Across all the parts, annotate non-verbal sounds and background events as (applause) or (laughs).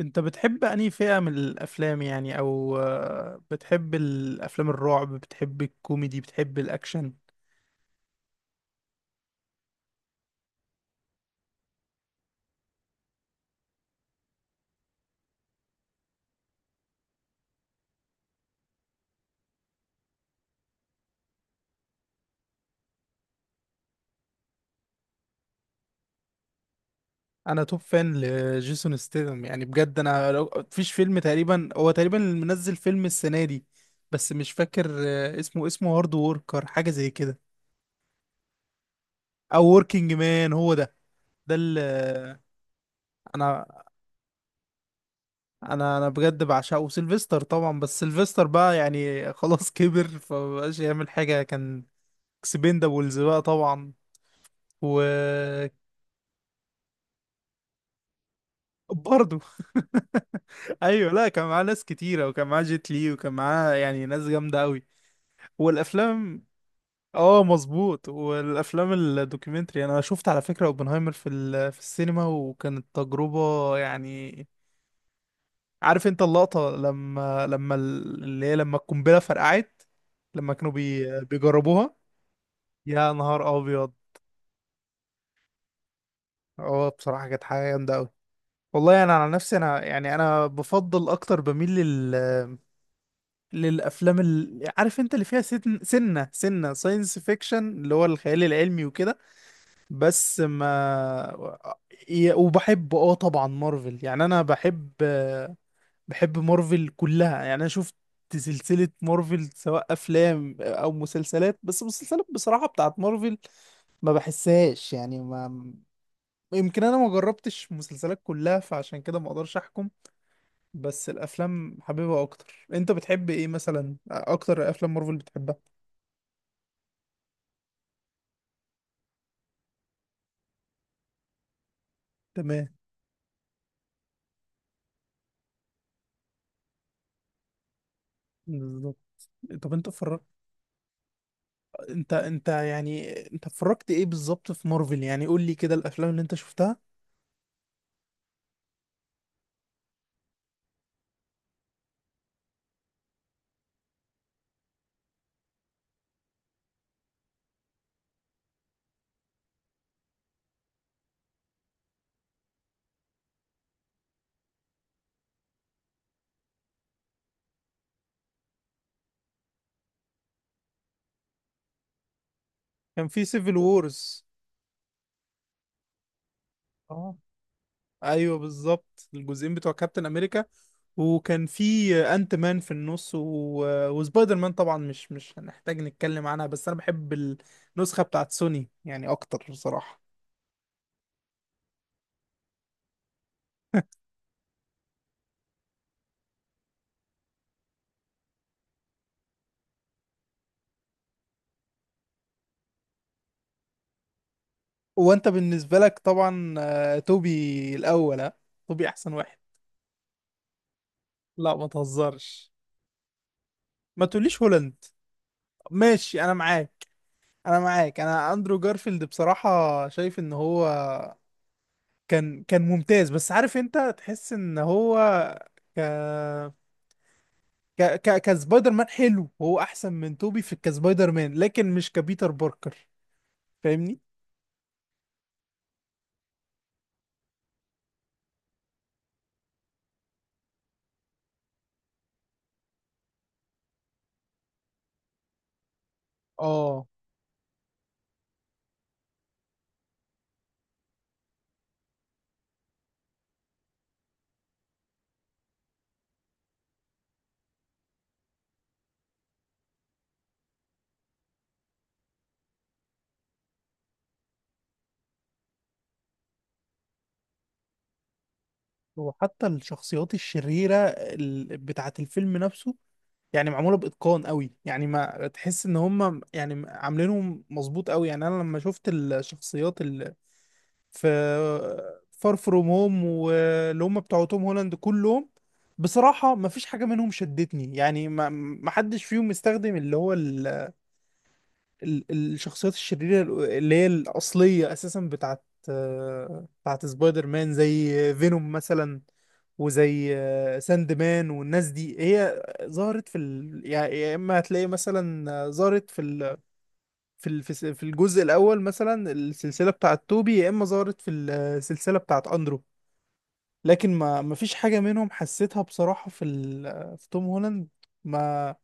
انت بتحب انهي فئة من الافلام يعني او بتحب الافلام الرعب؟ بتحب الكوميدي؟ بتحب الاكشن؟ انا توب فان لجيسون ستيثم، يعني بجد. انا لو مفيش فيلم، تقريبا هو تقريبا اللي منزل فيلم السنة دي. بس مش فاكر اسمه هارد ووركر، حاجة زي كده. او وركينج مان، هو ده. ده اللي انا انا بجد بعشقه. سيلفستر طبعا، بس سيلفستر بقى يعني خلاص كبر فمبقاش يعمل حاجة كان. اكسبندابلز بقى طبعا. و برضه. (laughs) ايوه، لا كان معاه ناس كتيره، وكان معاه جيت لي، وكان معاه يعني ناس جامده قوي. والافلام، اه مظبوط. والافلام الدوكيومنتري، انا شفت على فكره اوبنهايمر في السينما، وكانت تجربه يعني. عارف انت اللقطه، لما لما ال- اللي هي لما القنبله فرقعت، لما كانوا بيجربوها؟ يا نهار ابيض! اه بصراحه كانت حاجه جامده قوي. والله انا على نفسي، انا يعني انا بفضل اكتر، بميل للافلام اللي عارف انت اللي فيها سن... سنه سنه ساينس فيكشن، اللي هو الخيال العلمي وكده. بس ما ي- وبحب اه طبعا مارفل. يعني انا بحب مارفل كلها، يعني انا شفت سلسله مارفل سواء افلام او مسلسلات. بس المسلسلات بصراحه بتاعت مارفل ما بحسهاش، يعني ما، يمكن انا ما جربتش مسلسلات كلها، فعشان كده ما اقدرش احكم. بس الافلام حاببها اكتر. انت بتحب ايه مثلا اكتر؟ افلام مارفل بتحبها؟ تمام. بالظبط. طب انت يعني انت اتفرجت ايه بالظبط في مارفل؟ يعني قول لي كده الافلام اللي انت شفتها. كان في سيفل وورز. اه ايوه بالظبط، الجزئين بتوع كابتن امريكا. وكان في انت مان في النص وسبايدر مان طبعا، مش هنحتاج نتكلم عنها. بس انا بحب النسخة بتاعت سوني يعني اكتر بصراحة. (laughs) وانت بالنسبة لك طبعا توبي الاول، ها؟ توبي احسن واحد؟ لا ما تهزرش، ما تقوليش هولاند. ماشي انا معاك. انا معاك. انا اندرو جارفيلد بصراحة. شايف ان هو كان ممتاز، بس عارف انت تحس ان هو ك ك ك كسبايدر مان حلو. هو احسن من توبي في كسبايدر مان لكن مش كبيتر باركر. فاهمني؟ اه، وحتى الشخصيات الشريرة بتاعة الفيلم نفسه يعني معموله باتقان قوي، يعني ما تحس ان هم يعني عاملينهم مظبوط قوي. يعني انا لما شفت الشخصيات اللي في فار فروم هوم، واللي هم بتوع توم هولاند كلهم، بصراحه ما فيش حاجه منهم شدتني، يعني ما حدش فيهم استخدم اللي هو الشخصيات الشريرة اللي هي الأصلية أساسا بتاعت بتاعت سبايدر مان، زي فينوم مثلا. وزي ساند مان والناس دي، هي ظهرت يعني يا إما هتلاقي مثلا ظهرت في ال... في ال... في س- في الجزء الأول مثلا السلسلة بتاعت توبي، يا إما ظهرت في السلسلة بتاعت أندرو. لكن ما فيش حاجة منهم حسيتها بصراحة في توم هولاند. ما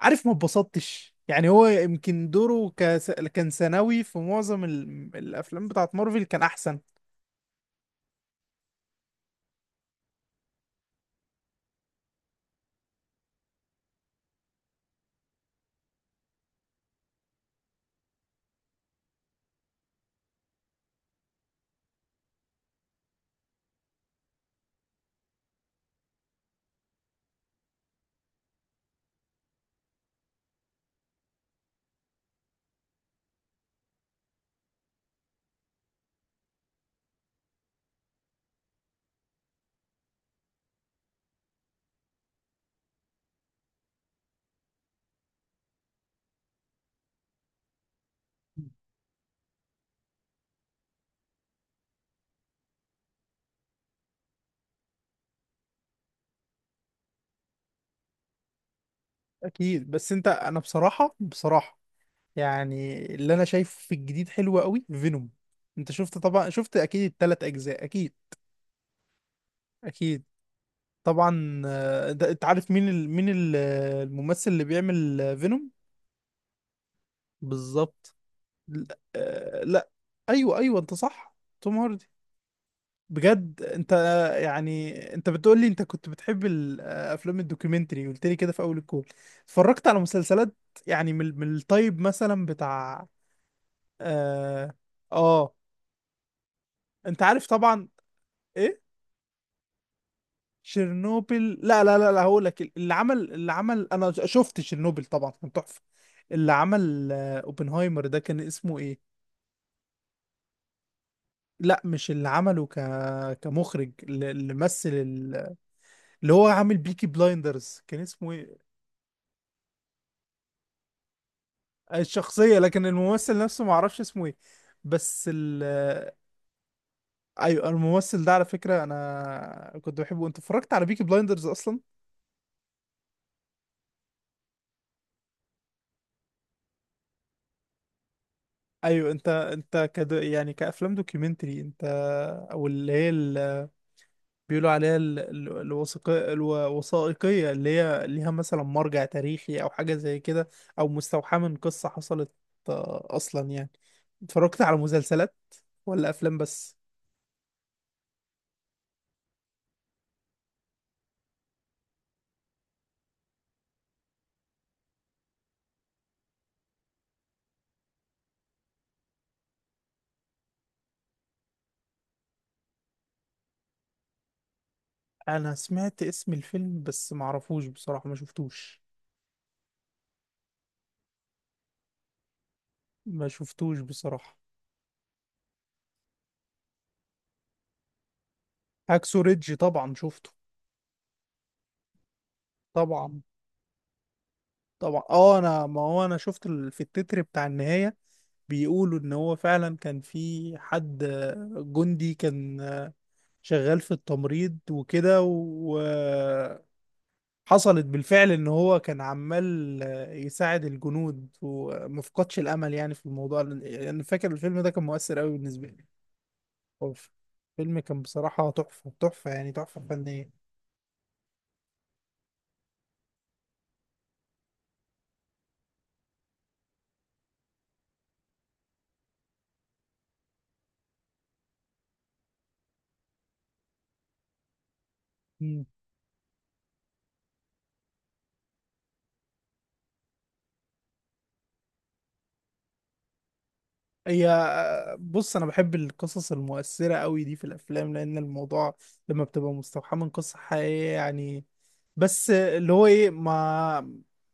عارف. ما اتبسطتش يعني. هو يمكن دوره كان ثانوي في معظم الافلام بتاعت مارفل كان احسن. اكيد. بس انت، انا بصراحه يعني اللي انا شايفه في الجديد حلو قوي، فينوم. انت شفت طبعا، شفت اكيد التلات اجزاء، اكيد. اكيد طبعا. ده انت عارف مين الممثل اللي بيعمل فينوم؟ بالظبط. لا لا. ايوه ايوه انت صح، توم هاردي. بجد انت يعني انت بتقول لي انت كنت بتحب الافلام الدوكيومنتري، قلت لي كده في اول الكول. اتفرجت على مسلسلات، يعني من الطيب مثلا بتاع اه, آه. انت عارف طبعا. ايه؟ شيرنوبل؟ لا، لا، لا، لا، هقول لك. اللي عمل انا شفت شيرنوبل طبعا، كان تحفة. اللي عمل اوبنهايمر ده، كان اسمه ايه؟ لا، مش اللي عمله كمخرج، اللي مثل اللي هو عامل بيكي بلايندرز كان اسمه ايه الشخصية، لكن الممثل نفسه ما اعرفش اسمه ايه. بس ال ايوه، الممثل ده على فكرة انا كنت بحبه. انت اتفرجت على بيكي بلايندرز اصلا؟ ايوه. يعني كافلام دوكيومنتري انت، او اللي هي بيقولوا عليها الوثائقية اللي هي ليها مثلا مرجع تاريخي، او حاجة زي كده، او مستوحاة من قصة حصلت اصلا يعني. اتفرجت على مسلسلات ولا افلام بس؟ انا سمعت اسم الفيلم بس معرفوش بصراحة، ما شفتوش. ما شفتوش بصراحة. هاكسو ريدج طبعا شفته. طبعا، طبعا، اه. انا ما هو انا شفت في التتر بتاع النهاية بيقولوا ان هو فعلا كان في حد جندي كان شغال في التمريض وكده وحصلت بالفعل ان هو كان عمال يساعد الجنود ومفقدش الامل يعني في الموضوع. انا فاكر الفيلم ده كان مؤثر قوي بالنسبة لي. اوف، فيلم كان بصراحة تحفة، تحفة، يعني تحفة فنية. مم. هي بص، انا بحب القصص المؤثرة قوي دي في الافلام، لان الموضوع لما بتبقى مستوحاة من قصة حقيقية يعني. بس اللي هو ايه، ما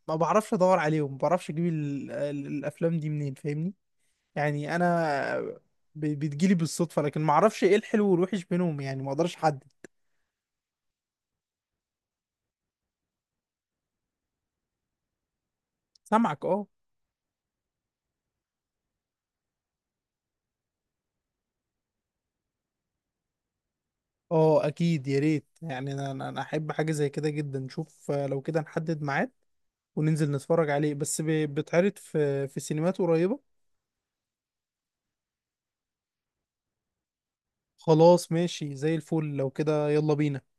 ما بعرفش ادور عليهم، ما بعرفش اجيب الافلام دي منين. فاهمني؟ يعني انا بتجيلي بالصدفة، لكن ما اعرفش ايه الحلو والوحش بينهم، يعني ما اقدرش احدد. سامعك. اه، اه، اكيد يا ريت. يعني انا احب حاجه زي كده جدا. نشوف لو كده نحدد ميعاد، وننزل نتفرج عليه. بس بيتعرض في سينمات قريبه؟ خلاص ماشي زي الفل لو كده. يلا بينا.